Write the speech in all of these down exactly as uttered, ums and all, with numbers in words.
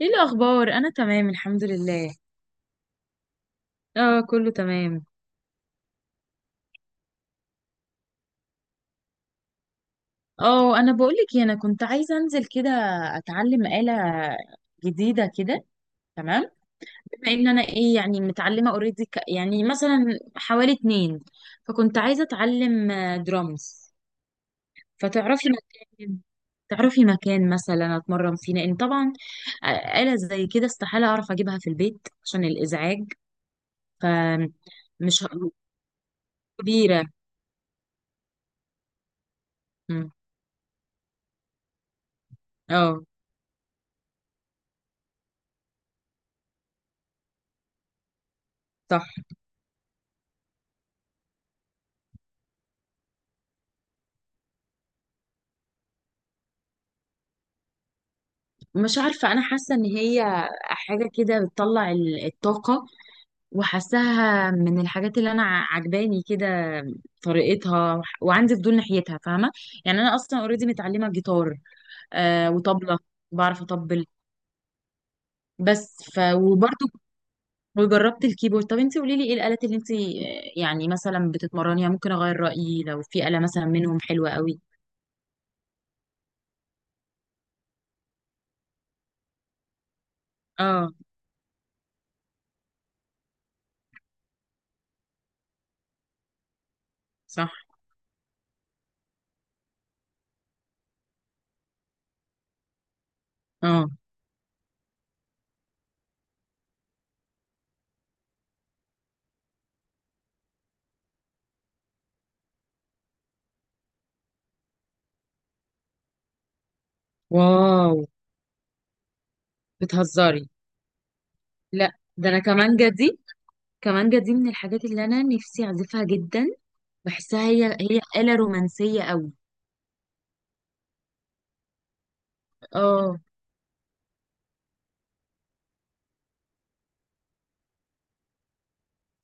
ايه الاخبار؟ انا تمام الحمد لله. اه كله تمام. اه، انا بقولك إيه، انا كنت عايزه انزل كده، اتعلم آلة جديده كده. تمام. بما ان انا ايه يعني متعلمه اوريدي ك... يعني مثلا حوالي اتنين، فكنت عايزه اتعلم درامز. فتعرفي مكان تعرفي مكان مثلا اتمرن فيه، لان طبعا آه، آلة زي كده استحاله اعرف اجيبها في البيت عشان الازعاج. فمش ه- كبيره. مم. اه. صح. مش عارفة، أنا حاسة إن هي حاجة كده بتطلع ال- الطاقة، وحاساها من الحاجات اللي أنا ع- عجباني كده طريقتها، وعندي فضول ناحيتها، فاهمة؟ يعني أنا أصلا أوريدي متعلمة جيتار آه وطبلة، بعرف أطبل. بس ف وبرضه جربت الكيبورد. طب انتي قولي لي، ايه الآلات اللي انتي آه، يعني مثلا بتتمرنيها؟ ممكن أغير رأيي لو في آلة مثلا منهم حلوة قوي. اه صح. اه. واو، بتهزري. لا، ده انا كمان جدي، كمانجا دي من الحاجات اللي انا نفسي اعزفها جدا، بحسها هي هي آلة رومانسية قوي. اه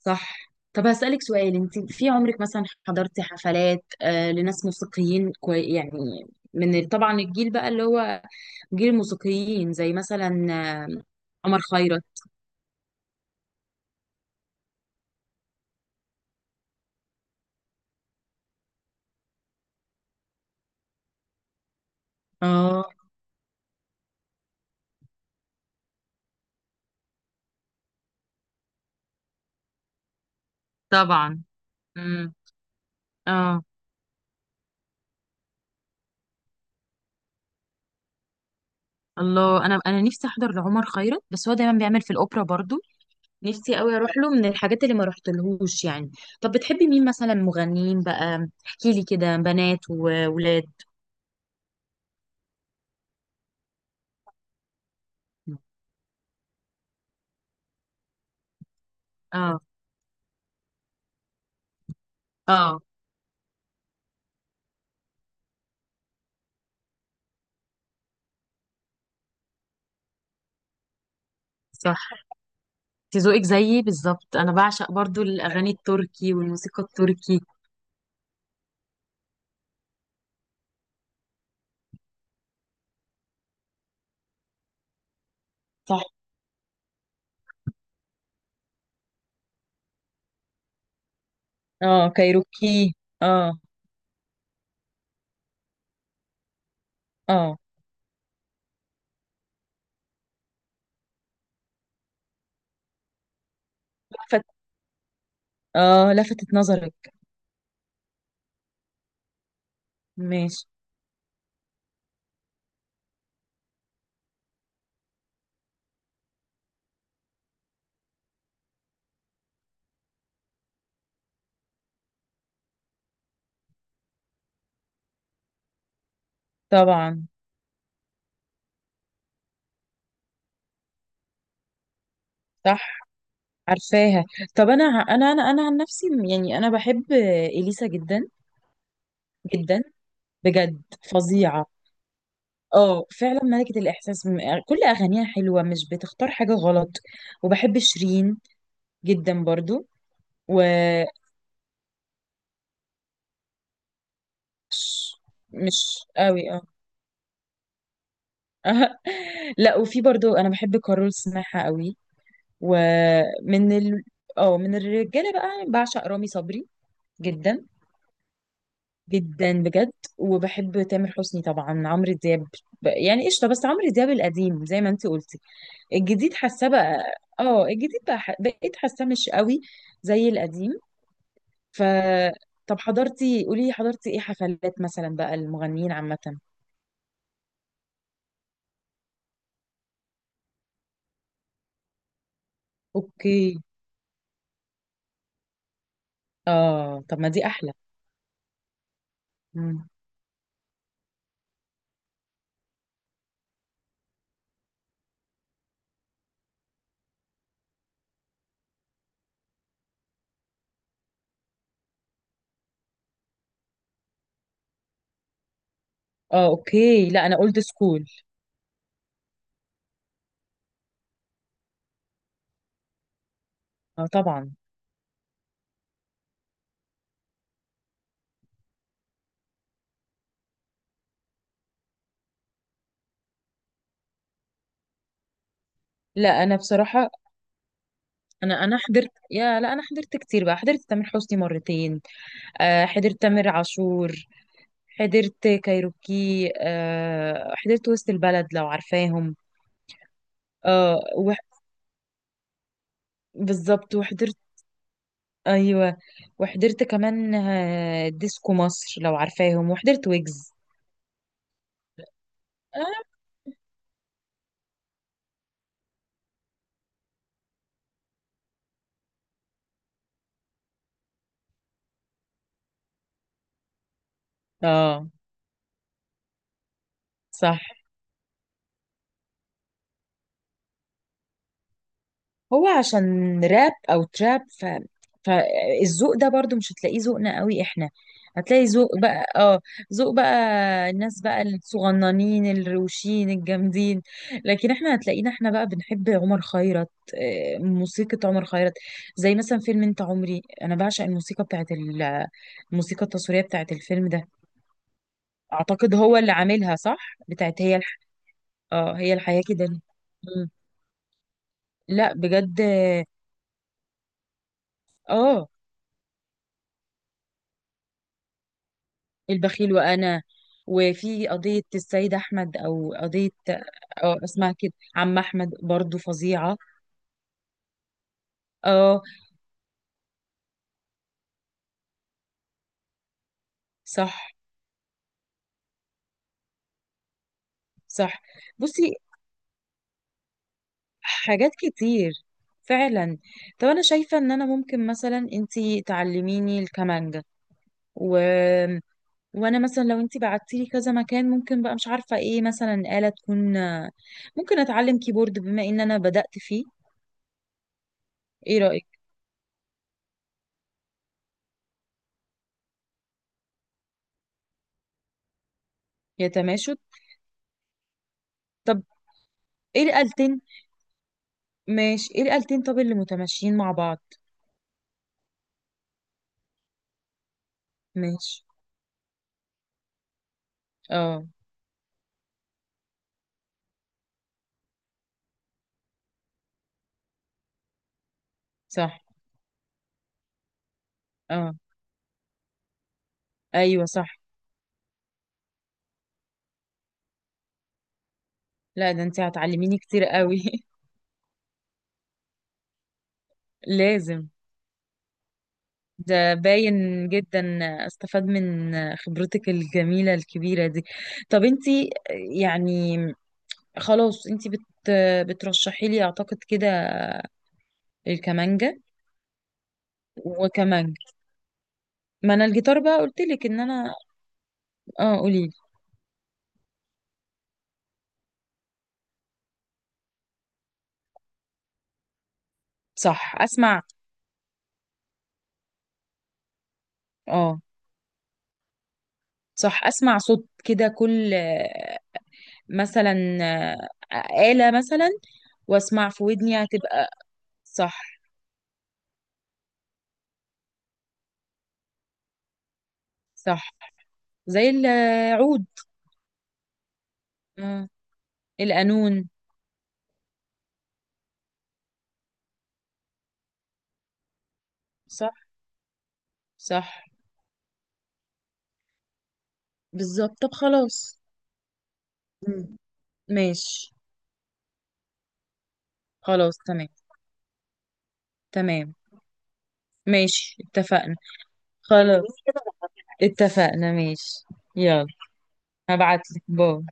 صح. طب هسألك سؤال، انت في عمرك مثلا حضرتي حفلات آه لناس موسيقيين كوي يعني، من ال- طبعا الجيل بقى اللي هو جيل الموسيقيين، زي مثلا آه، عمر خيرت. اه طبعا. امم اه. الله، انا انا نفسي احضر لعمر خيرت، بس هو دايما بيعمل في الاوبرا برضو. نفسي قوي اروح له، من الحاجات اللي ما رحتلهوش يعني. طب بتحبي مين مثلا؟ مغنيين بقى احكي لي كده، بنات وولاد. اه اه. صح، انت ذوقك زيي بالظبط، انا بعشق برضو الاغاني التركي والموسيقى التركي. صح. اه كايروكي. اه. اه لفت. اه لفتت نظرك. ماشي. طبعا. صح. عارفاها. طب انا انا انا انا عن نفسي يعني انا بحب اليسا جدا. جدا. بجد. فظيعة. اه فعلا ملكة الإحساس، م- يعني كل أغانيها حلوة، مش بتختار حاجة غلط. وبحب شيرين جدا برضو. و ش- مش قوي اه. لا، وفي برضو أنا بحب كارول سماحة قوي. ومن ال... اه، من الرجالة بقى بعشق رامي صبري جدا. جدا بجد. وبحب تامر حسني طبعا، عمرو دياب ب- يعني قشطة، بس عمرو دياب القديم زي ما انت قلتي. الجديد حاساه بقى. اه الجديد بقى ح- بقيت حاساه مش قوي زي القديم. ف طب حضرتي قولي لي، حضرتي ايه حفلات مثلا بقى المغنيين عامة؟ اوكي. اه طب ما دي احلى. مم. اه اوكي، لا انا اولد سكول. اه طبعا. لا انا بصراحة، انا انا حضرت يا لا انا حضرت كتير بقى، حضرت تامر حسني مرتين. آه حضرت تامر عاشور. حضرت كايروكي. آه حضرت وسط البلد لو عارفاهم. اه وح... بالظبط، وحضرت. ايوه. وحضرت كمان آه، ديسكو مصر لو عارفاهم، وحضرت ويجز. اه. صح. هو عشان راب او تراب ف... فالذوق ده برضو مش هتلاقيه ذوقنا قوي احنا. هتلاقي ذوق بقى، اه ذوق بقى الناس بقى الصغننين الروشين الجامدين. لكن احنا هتلاقينا احنا بقى بنحب عمر خيرت، آه، موسيقى عمر خيرت، زي مثلا فيلم انت عمري، انا بعشق الموسيقى بتاعت ال- الموسيقى التصويرية بتاعت الفيلم ده. اعتقد هو اللي عاملها صح. بتاعت هي الح... اه هي الحياة كده ليه. مم. لا بجد. اه البخيل وانا، وفي قضية السيد أحمد أو قضية، أو اسمها كده عم أحمد، برضو فظيعة. اه صح صح. بصي، حاجات كتير فعلا. طب أنا شايفة إن أنا ممكن مثلا أنتي تعلميني الكمانجة، و... وأنا مثلا لو أنتي بعتيلي كذا مكان، ممكن بقى مش عارفة إيه، مثلا آلة تكون ممكن أتعلم كيبورد بما إن أنا بدأت فيه. إيه رأيك؟ يتماشى. طب إيه الآلتين؟ ماشي، ايه الآلتين طب اللي متماشيين مع بعض؟ ماشي. اه صح. اه. ايوه صح. لا ده انت هتعلميني كتير قوي. لازم، ده باين جدا، استفاد من خبرتك الجميلة الكبيرة دي. طب انت يعني خلاص، انت بت بترشحي لي اعتقد كده الكمانجا وكمانجا. ما انا الجيتار بقى قلت لك ان انا. اه قولي. صح اسمع. اه صح اسمع صوت كده كل مثلا آه، آلة مثلا، واسمع في ودني هتبقى. صح صح. زي العود. آه، القانون. صح صح بالظبط. طب خلاص. مم. ماشي خلاص. تمام تمام. ماشي اتفقنا. خلاص اتفقنا. ماشي. يلا هبعتلك. باي.